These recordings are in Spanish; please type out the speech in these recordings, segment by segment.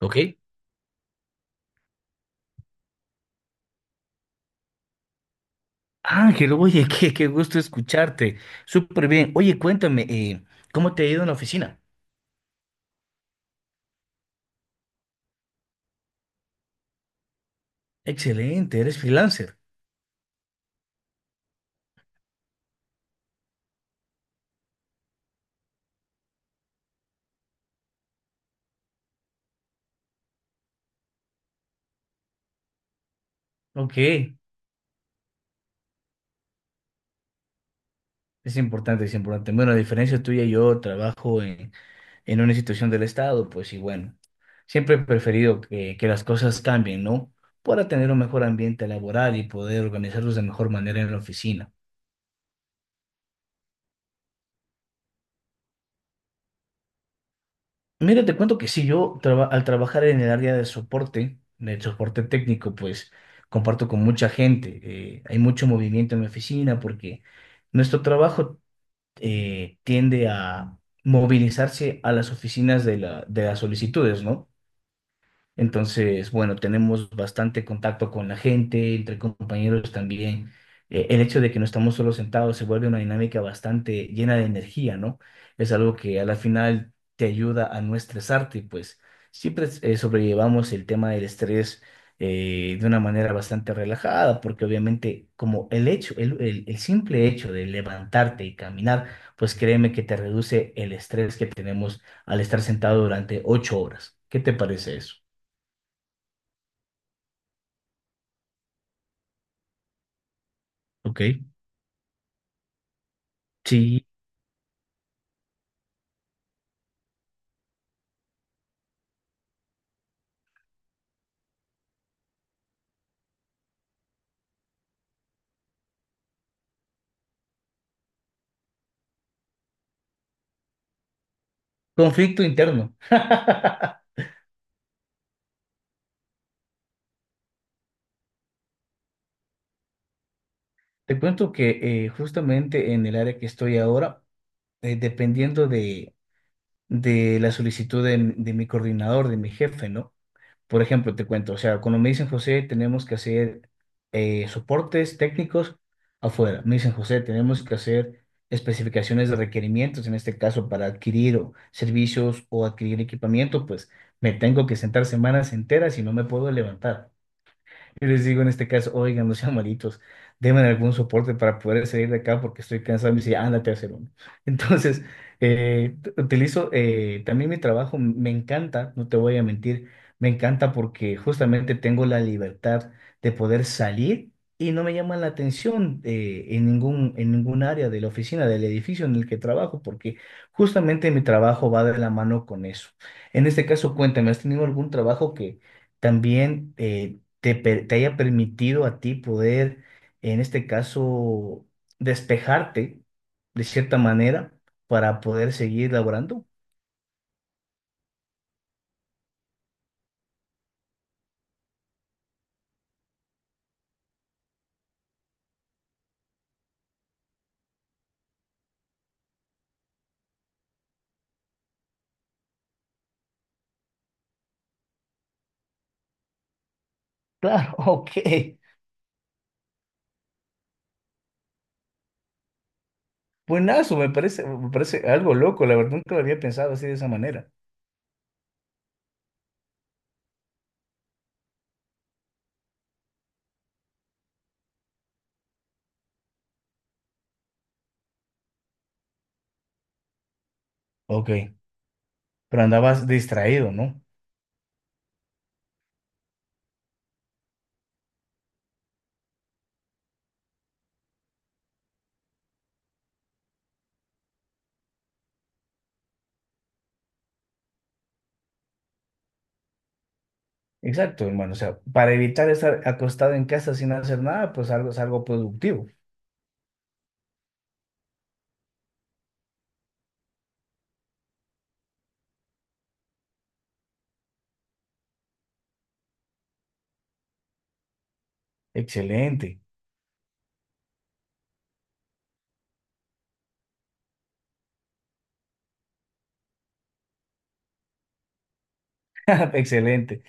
¿Ok? Ángel, oye, qué gusto escucharte. Súper bien. Oye, cuéntame, ¿cómo te ha ido en la oficina? Excelente, eres freelancer. Ok, es importante, es importante. Bueno, a diferencia tuya, en una institución del Estado, pues y bueno, siempre he preferido que las cosas cambien, ¿no? Para tener un mejor ambiente laboral y poder organizarlos de mejor manera en la oficina. Mira, te cuento que sí, al trabajar en el área de soporte técnico, pues comparto con mucha gente. Hay mucho movimiento en mi oficina porque nuestro trabajo tiende a movilizarse a las oficinas de las solicitudes, ¿no? Entonces, bueno, tenemos bastante contacto con la gente, entre compañeros también. El hecho de que no estamos solo sentados se vuelve una dinámica bastante llena de energía, ¿no? Es algo que a la final te ayuda a no estresarte, pues siempre sobrellevamos el tema del estrés de una manera bastante relajada, porque obviamente como el simple hecho de levantarte y caminar, pues créeme que te reduce el estrés que tenemos al estar sentado durante ocho horas. ¿Qué te parece eso? Ok, sí, conflicto interno. Te cuento que justamente en el área que estoy ahora, eh, dependiendo de, de la solicitud de mi coordinador, de mi jefe, ¿no? Por ejemplo, te cuento, o sea, cuando me dicen José, tenemos que hacer soportes técnicos afuera. Me dicen José, tenemos que hacer especificaciones de requerimientos, en este caso para adquirir servicios o adquirir equipamiento, pues me tengo que sentar semanas enteras y no me puedo levantar. Yo les digo en este caso, oigan, no sean malitos, denme algún soporte para poder salir de acá porque estoy cansado. Y me dice, ándate a hacer uno. Entonces, utilizo también mi trabajo, me encanta, no te voy a mentir, me encanta porque justamente tengo la libertad de poder salir y no me llama la atención en ningún área de la oficina, del edificio en el que trabajo, porque justamente mi trabajo va de la mano con eso. En este caso, cuéntame, ¿has tenido algún trabajo que... También te haya permitido a ti poder, en este caso, despejarte de cierta manera para poder seguir laborando. Claro, ok. Buenazo, me parece algo loco, la verdad nunca lo había pensado así de esa manera. Ok, pero andabas distraído, ¿no? Exacto, hermano. O sea, para evitar estar acostado en casa sin hacer nada, pues algo es algo productivo. Excelente, excelente.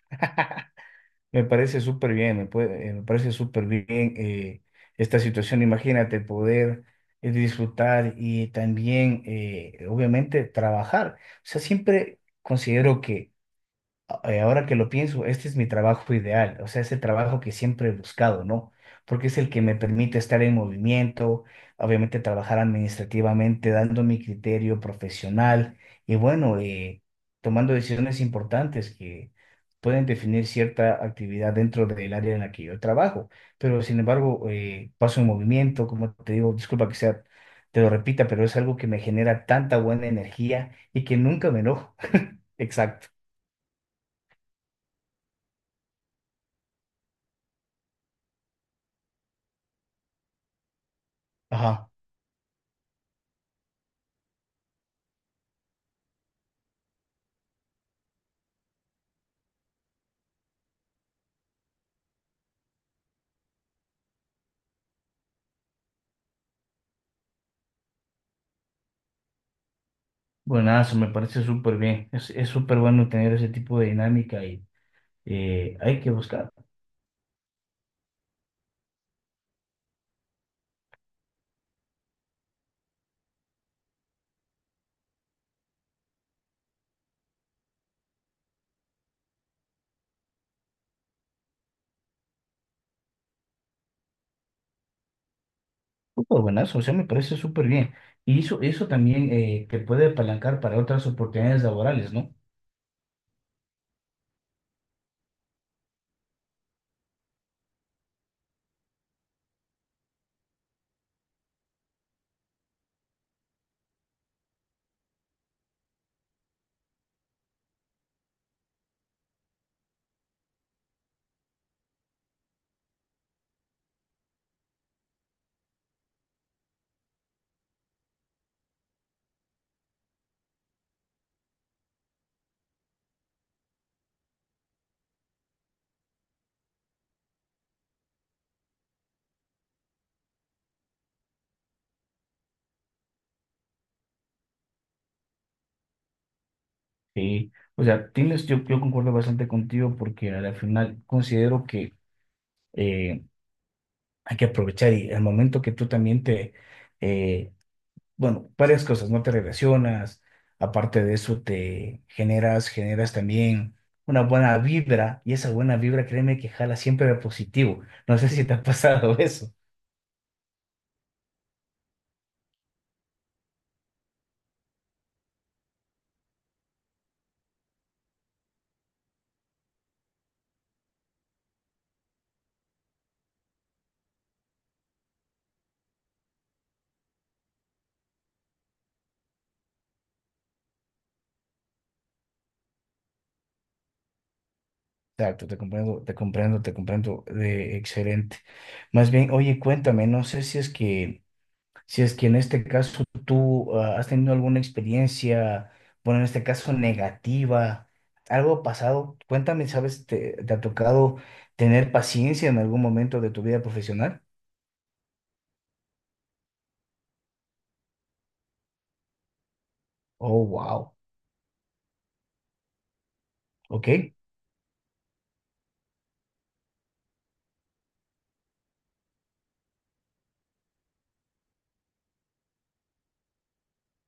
Me parece súper bien eh, esta situación. Imagínate poder disfrutar y también, obviamente, trabajar. O sea, siempre considero que ahora que lo pienso, este es mi trabajo ideal, o sea, es el trabajo que siempre he buscado, ¿no? Porque es el que me permite estar en movimiento, obviamente trabajar administrativamente, dando mi criterio profesional y bueno, tomando decisiones importantes que pueden definir cierta actividad dentro del área en la que yo trabajo. Pero sin embargo, paso en movimiento, como te digo, disculpa que sea, te lo repita, pero es algo que me genera tanta buena energía y que nunca me enojo. Exacto. Ajá. Buenazo, me parece súper bien. Es súper bueno tener ese tipo de dinámica y hay que buscar. Súper buenazo, o sea, me parece súper bien. Eso también te puede apalancar para otras oportunidades laborales, ¿no? Sí. O sea, tienes, yo concuerdo bastante contigo porque al final considero que eh, hay que aprovechar y al momento que eh, bueno, varias cosas, no te relacionas, aparte de eso generas también una buena vibra y esa buena vibra, créeme que jala siempre de positivo. No sé si te ha pasado eso. Exacto, te comprendo, te comprendo, te comprendo, excelente. Más bien, oye, cuéntame, no sé si es que si es que en este caso has tenido alguna experiencia, bueno, en este caso negativa, algo ha pasado, cuéntame, ¿sabes? Te ha tocado tener paciencia en algún momento de tu vida profesional? Oh, wow, ok.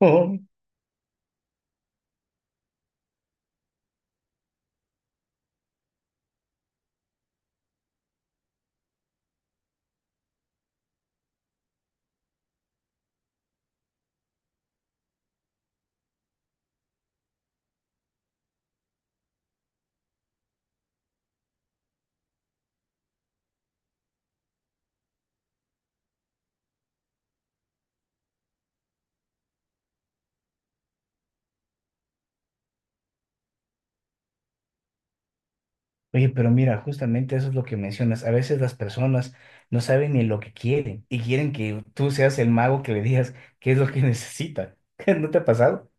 Oh, oye, pero mira, justamente eso es lo que mencionas. A veces las personas no saben ni lo que quieren y quieren que tú seas el mago que le digas qué es lo que necesita. ¿No te ha pasado?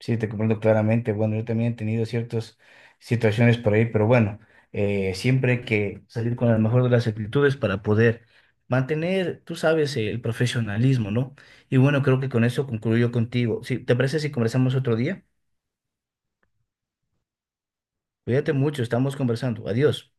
Sí, te comprendo claramente. Bueno, yo también he tenido ciertas situaciones por ahí, pero bueno, siempre hay que salir con la mejor de las actitudes para poder mantener, tú sabes, el profesionalismo, ¿no? Y bueno, creo que con eso concluyo contigo. Sí, ¿te parece si conversamos otro día? Cuídate mucho, estamos conversando. Adiós.